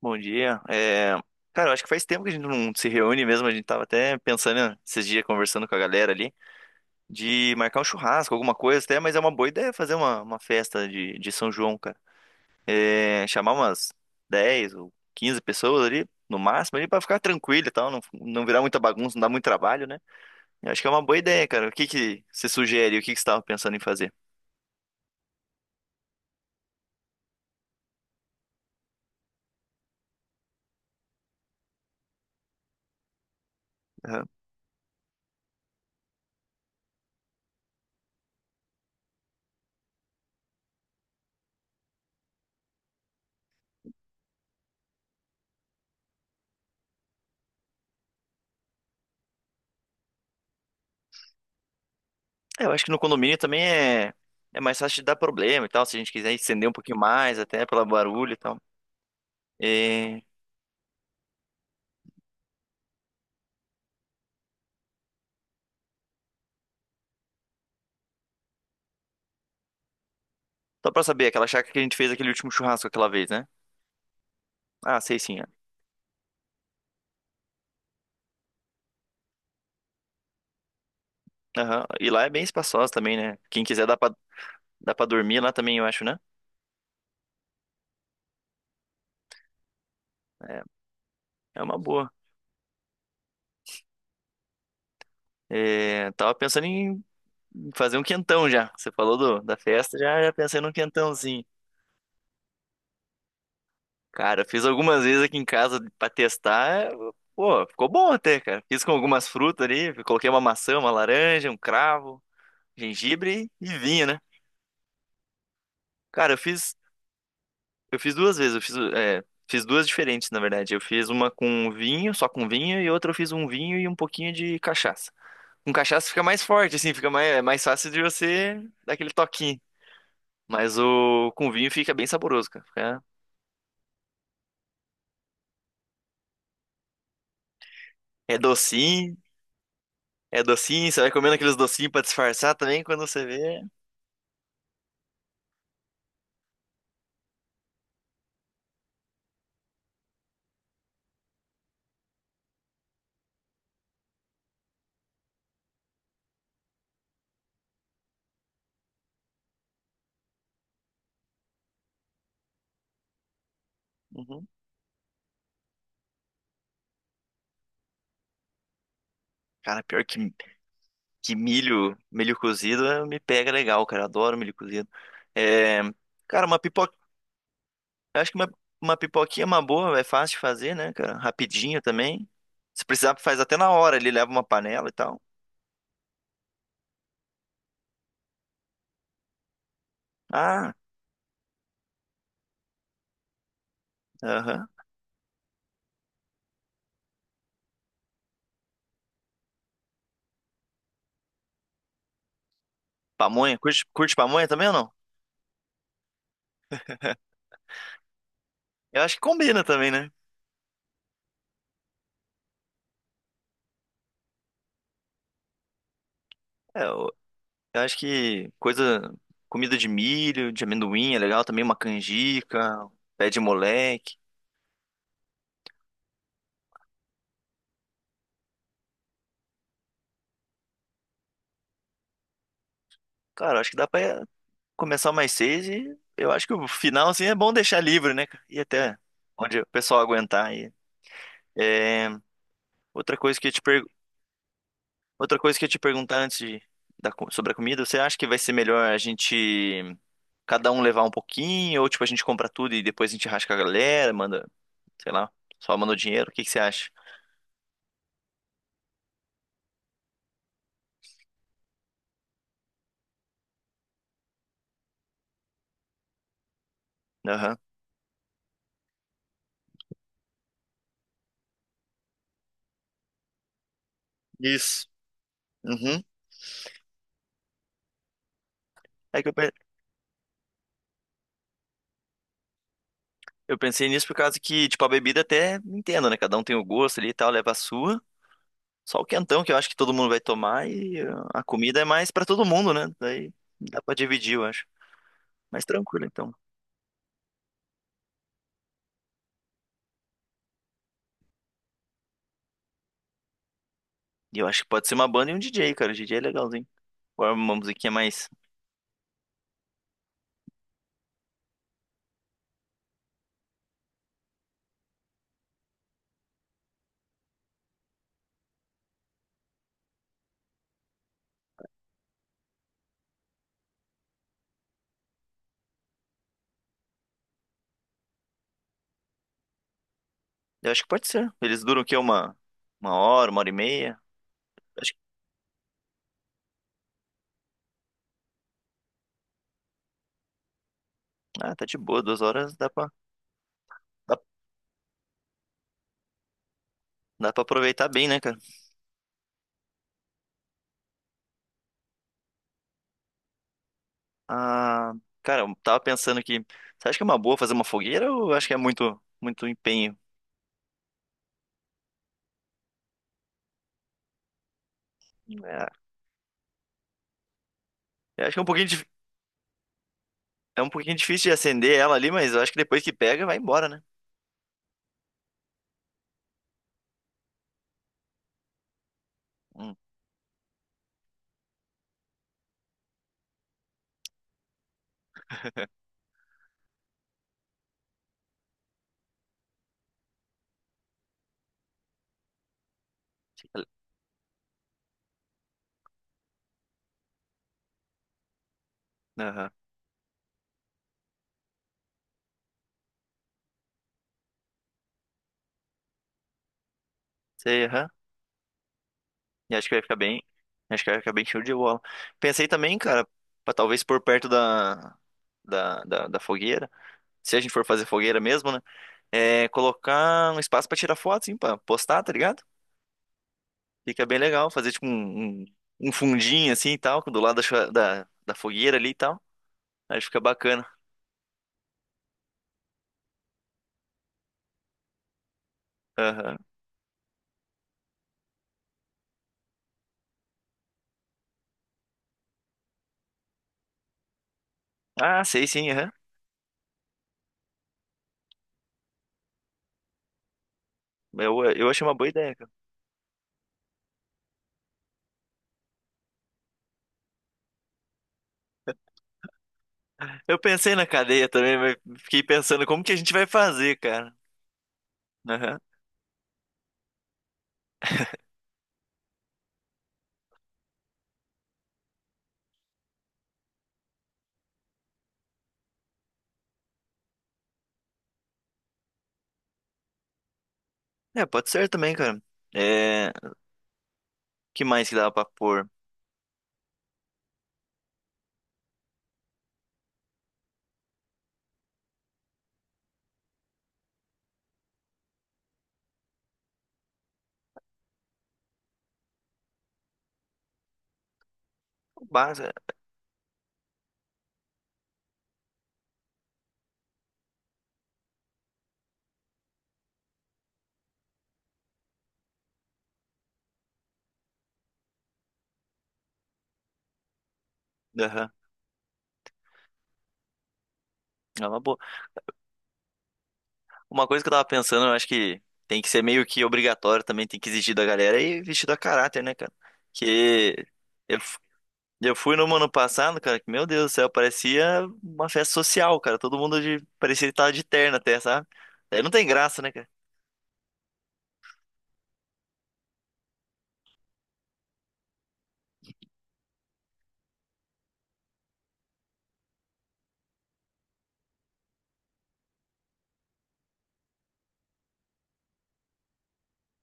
Bom dia. Cara, eu acho que faz tempo que a gente não se reúne mesmo. A gente tava até pensando, né, esses dias, conversando com a galera ali, de marcar um churrasco, alguma coisa até, mas é uma boa ideia fazer uma festa de São João, cara. Chamar umas 10 ou 15 pessoas ali, no máximo, ali, pra ficar tranquilo e tal, não virar muita bagunça, não dar muito trabalho, né? Eu acho que é uma boa ideia, cara. O que que você sugere? O que que você tava pensando em fazer? Aham. Eu acho que no condomínio também é. É mais fácil de dar problema e tal, se a gente quiser estender um pouquinho mais, até pelo barulho e tal. E... Só pra saber, aquela chácara que a gente fez aquele último churrasco aquela vez, né? Ah, sei sim. É. Aham. E lá é bem espaçosa também, né? Quem quiser dá pra dormir lá também, eu acho, né? É, é uma boa. É, tava pensando em fazer um quentão já. Você falou da festa, já pensei num quentãozinho. Cara, fiz algumas vezes aqui em casa pra testar. Pô, ficou bom até, cara. Fiz com algumas frutas ali, coloquei uma maçã, uma laranja, um cravo, gengibre e vinho, né? Cara, eu fiz duas vezes, fiz duas diferentes, na verdade. Eu fiz uma com vinho, só com vinho, e outra eu fiz um vinho e um pouquinho de cachaça. Com cachaça fica mais forte, assim, é mais fácil de você dar aquele toquinho. Mas o com vinho fica bem saboroso, cara. É docinho, É docinho, você vai comendo aqueles docinhos pra disfarçar também quando você vê. Uhum. Cara, pior que milho cozido me pega legal, cara. Adoro milho cozido. É, cara, uma pipoca. Eu acho que uma pipoquinha é uma boa, é fácil de fazer, né, cara? Rapidinho também. Se precisar, faz até na hora, ele leva uma panela e tal. Ah, aham. Pamonha, curte pamonha também ou não? Eu acho que combina também, né? É, eu acho que comida de milho, de amendoim é legal também, uma canjica, pé de moleque. Cara, eu acho que dá pra começar mais seis e eu acho que o final, assim, é bom deixar livre, né, cara? E até onde o pessoal aguentar aí. É, outra coisa que eu ia te perguntar. Outra coisa que eu ia te perguntar antes de, da co- sobre a comida, você acha que vai ser melhor a gente cada um levar um pouquinho, ou tipo, a gente compra tudo e depois a gente rasga a galera, manda, sei lá, só manda o dinheiro? O que que você acha? Aham. Isso. Uhum. É que eu, pe- eu pensei nisso por causa que, tipo, a bebida até entendo, né? Cada um tem o gosto ali e tal, leva a sua. Só o quentão que eu acho que todo mundo vai tomar e a comida é mais pra todo mundo, né? Daí dá pra dividir, eu acho. Mas tranquilo, então. E eu acho que pode ser uma banda e um DJ, cara. O DJ é legalzinho. Agora uma musiquinha mais. Eu acho que pode ser. Eles duram o quê? Uma hora, uma hora e meia? Acho que, ah, tá de boa. 2 horas dá, dá pra aproveitar bem, né, cara? Ah, cara, eu tava pensando que. Você acha que é uma boa fazer uma fogueira ou acho que é muito, muito empenho? É, eu acho que é um pouquinho difícil de acender ela ali, mas eu acho que depois que pega, vai embora, né? Hum, fica- aham. Sei, aham. E acho que vai ficar bem. Acho que vai ficar bem show de bola. Pensei também, cara, pra talvez pôr perto da fogueira. Se a gente for fazer fogueira mesmo, né? É, colocar um espaço pra tirar foto, assim, pra postar, tá ligado? Fica bem legal, fazer tipo um fundinho assim e tal, do lado da fogueira ali e tal. Aí fica bacana. Aham. Ah, sei sim, aham. Eu achei uma boa ideia, cara. Eu pensei na cadeia também, mas fiquei pensando como que a gente vai fazer, cara. Aham. É, pode ser também, cara. É, que mais que dava pra pôr? Base. Aham. É uma boa. Uma coisa que eu tava pensando, eu acho que tem que ser meio que obrigatório também, tem que exigir da galera e vestido a caráter, né, cara? Que eu, f- eu fui no ano passado, cara, que meu Deus do céu, parecia uma festa social, cara. Todo mundo de, parecia que tava de terno até, sabe? Aí não tem graça, né, cara?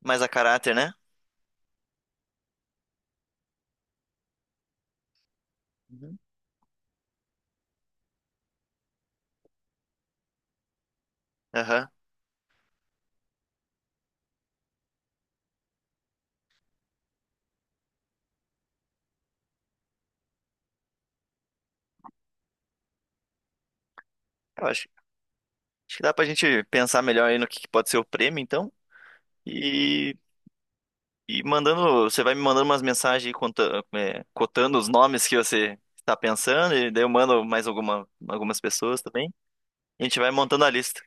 Mas a caráter, né? Uhum. Aham. Eu acho que dá pra gente pensar melhor aí no que pode ser o prêmio, então. E mandando, você vai me mandando umas mensagens aí cotando os nomes que você está pensando, e daí eu mando mais algumas pessoas também. A gente vai montando a lista.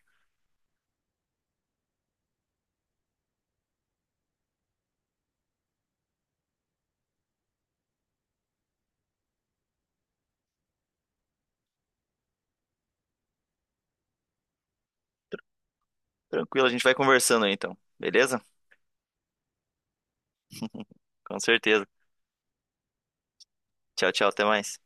Tranquilo, a gente vai conversando aí então. Beleza? Com certeza. Tchau, tchau, até mais.